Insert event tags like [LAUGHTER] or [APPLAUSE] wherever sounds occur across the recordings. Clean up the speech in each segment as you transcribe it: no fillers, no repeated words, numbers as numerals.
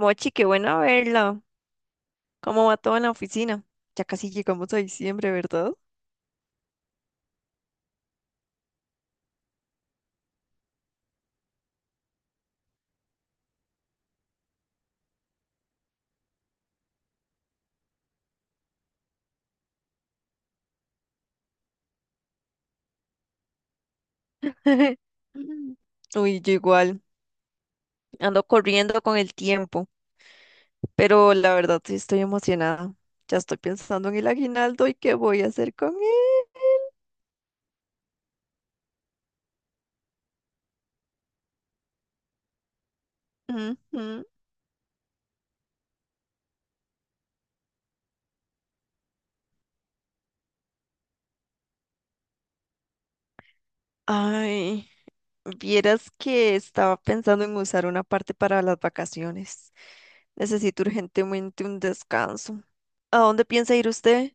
Mochi, qué bueno verla. ¿Cómo va todo en la oficina? Ya casi llegamos a diciembre, ¿verdad? [LAUGHS] Uy, yo igual. Ando corriendo con el tiempo, pero la verdad sí estoy emocionada. Ya estoy pensando en el aguinaldo y qué voy a hacer con él. Ujú. Ay, vieras que estaba pensando en usar una parte para las vacaciones. Necesito urgentemente un descanso. ¿A dónde piensa ir usted?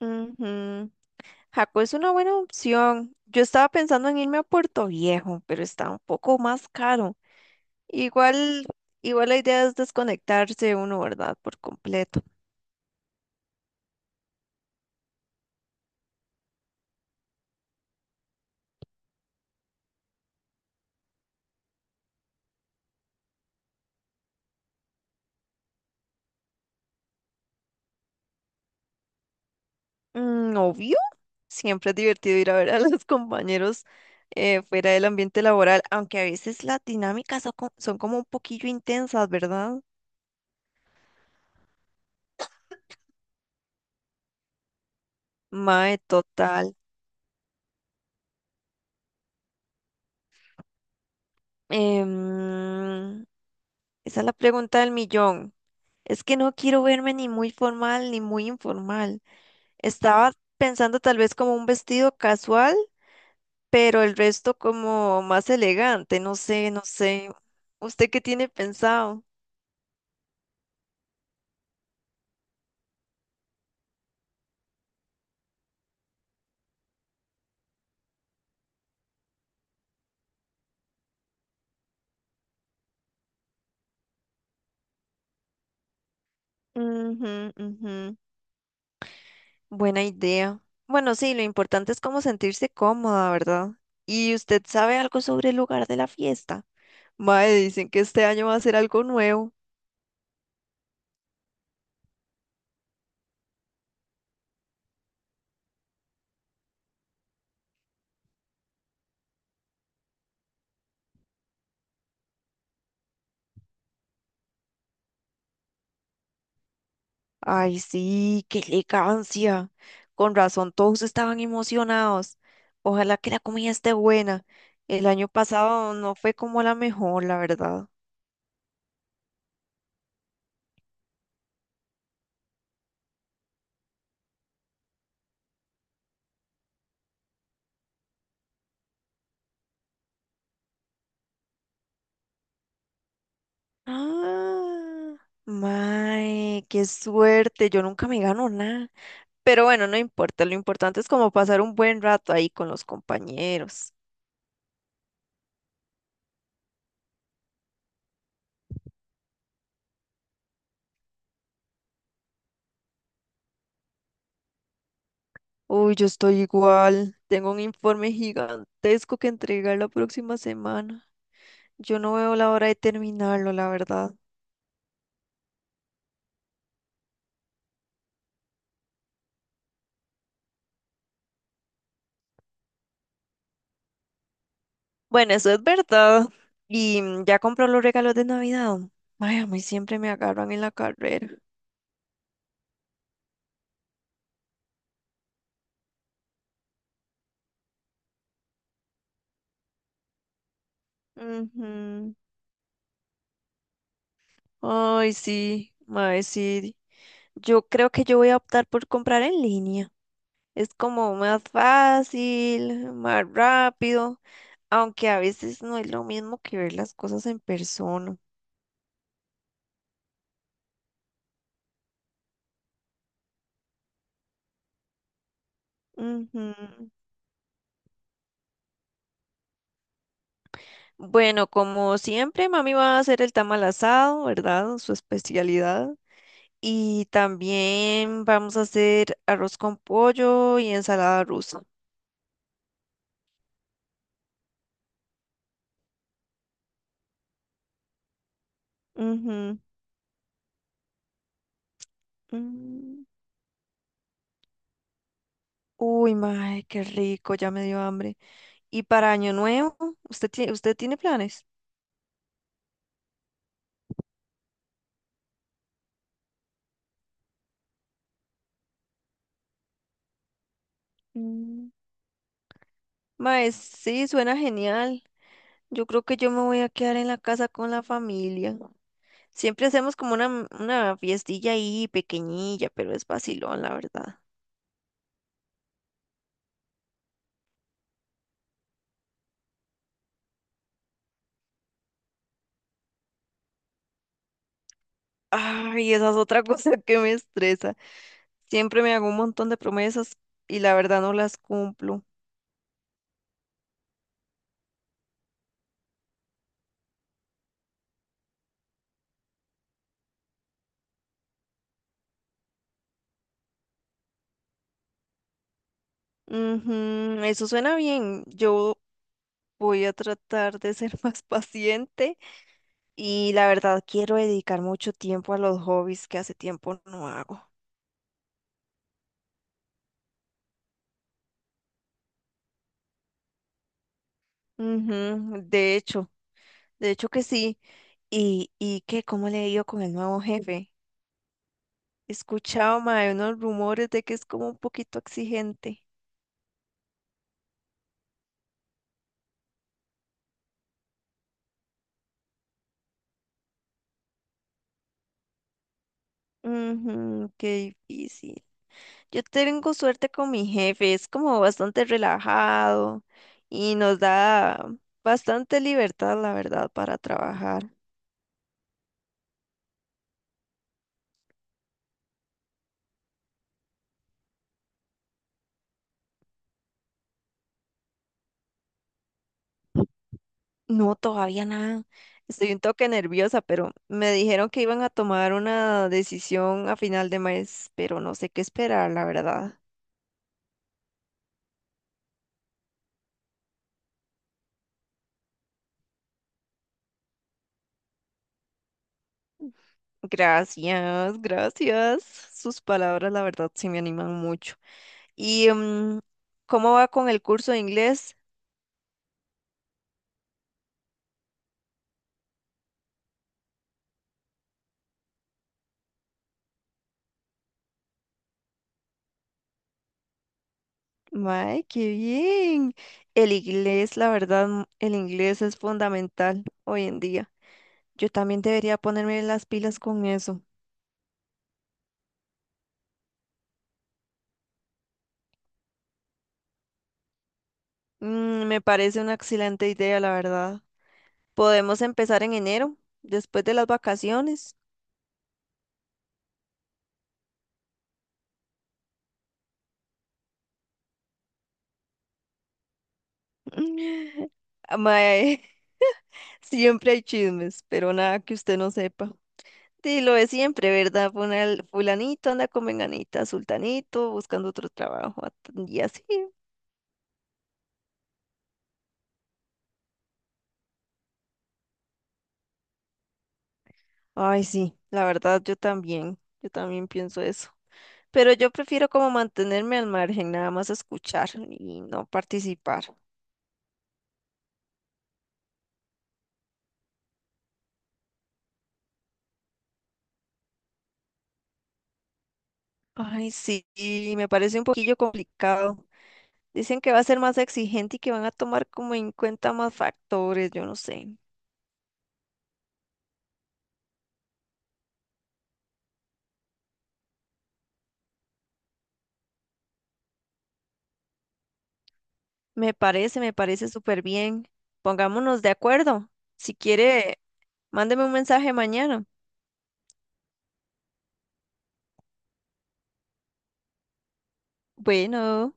Ujú. Jaco es una buena opción. Yo estaba pensando en irme a Puerto Viejo, pero está un poco más caro. Igual, igual la idea es desconectarse uno, ¿verdad? Por completo. Mm, obvio, siempre es divertido ir a ver a [LAUGHS] los compañeros fuera del ambiente laboral, aunque a veces las dinámicas son, son como un poquillo intensas, ¿verdad? Mae, total. Em, esa es la pregunta del millón. Es que no quiero verme ni muy formal ni muy informal. Estaba pensando tal vez como un vestido casual, pero el resto como más elegante, no sé, no sé. ¿Usted qué tiene pensado? Ujú, ujú. Buena idea. Bueno, sí, lo importante es como sentirse cómoda, ¿verdad? ¿Y usted sabe algo sobre el lugar de la fiesta? Mae, dicen que este año va a ser algo nuevo. Ay, sí, qué elegancia. Con razón, todos estaban emocionados. Ojalá que la comida esté buena. El año pasado no fue como la mejor, la verdad. Ah, mae, qué suerte. Yo nunca me gano nada. Pero bueno, no importa. Lo importante es como pasar un buen rato ahí con los compañeros. Uy, yo estoy igual. Tengo un informe gigantesco que entregar la próxima semana. Yo no veo la hora de terminarlo, la verdad. Bueno, eso es verdad. Y ya compró los regalos de Navidad. Ay, a mí siempre me agarran en la carrera. Ujú. Ay, sí, ay, sí. Yo creo que yo voy a optar por comprar en línea. Es como más fácil, más rápido, aunque a veces no es lo mismo que ver las cosas en persona. Ujú. Bueno, como siempre, mami va a hacer el tamal asado, ¿verdad? Su especialidad. Y también vamos a hacer arroz con pollo y ensalada rusa. Ujú, mm. Uy, mae, qué rico, ya me dio hambre. ¿Y para Año Nuevo? Usted tiene planes? Mm. Mae, sí, suena genial. Yo creo que yo me voy a quedar en la casa con la familia. Siempre hacemos como una, una fiestilla ahí pequeñilla, pero es vacilón, la verdad. Ay, esa es otra [LAUGHS] cosa que me estresa. Siempre me hago un montón de promesas y la verdad no las cumplo. Ujú, eso suena bien. Yo voy a tratar de ser [LAUGHS] más paciente y la verdad quiero dedicar mucho tiempo a los hobbies que hace tiempo no hago. Ujú, de hecho que sí. ¿Y, qué? ¿Cómo le he ido con el nuevo jefe? He escuchado, mae, unos rumores de que es como un poquito exigente. Ujú, qué difícil. Yo tengo suerte con mi jefe, es como bastante relajado y nos da bastante libertad, la verdad, para trabajar. No, todavía nada. Estoy un toque nerviosa, pero me dijeron que iban a tomar una decisión a final de mes, pero no sé qué esperar, la verdad. Gracias, gracias. Sus palabras, la verdad, sí me animan mucho. ¿Y cómo va con el curso de inglés? Mae, qué bien. El inglés, la verdad, el inglés es fundamental hoy en día. Yo también debería ponerme las pilas con eso. Mm, me parece una excelente idea, la verdad. Podemos empezar en enero, después de las vacaciones. [LAUGHS] Ah, Mae, [LAUGHS] siempre hay chismes, pero nada que usted no sepa. Sí, lo es siempre, ¿verdad? Fulanito anda con venganita, sultanito, buscando otro trabajo y así. Ay, sí, la verdad yo también pienso eso. Pero yo prefiero como mantenerme al margen, nada más escuchar y no participar. Ay, sí, y me parece un poquillo complicado. Dicen que va a ser más exigente y que van a tomar como en cuenta más factores, yo no sé. Me parece súper bien. Pongámonos de acuerdo. Si quiere, mándeme un mensaje mañana. Bueno.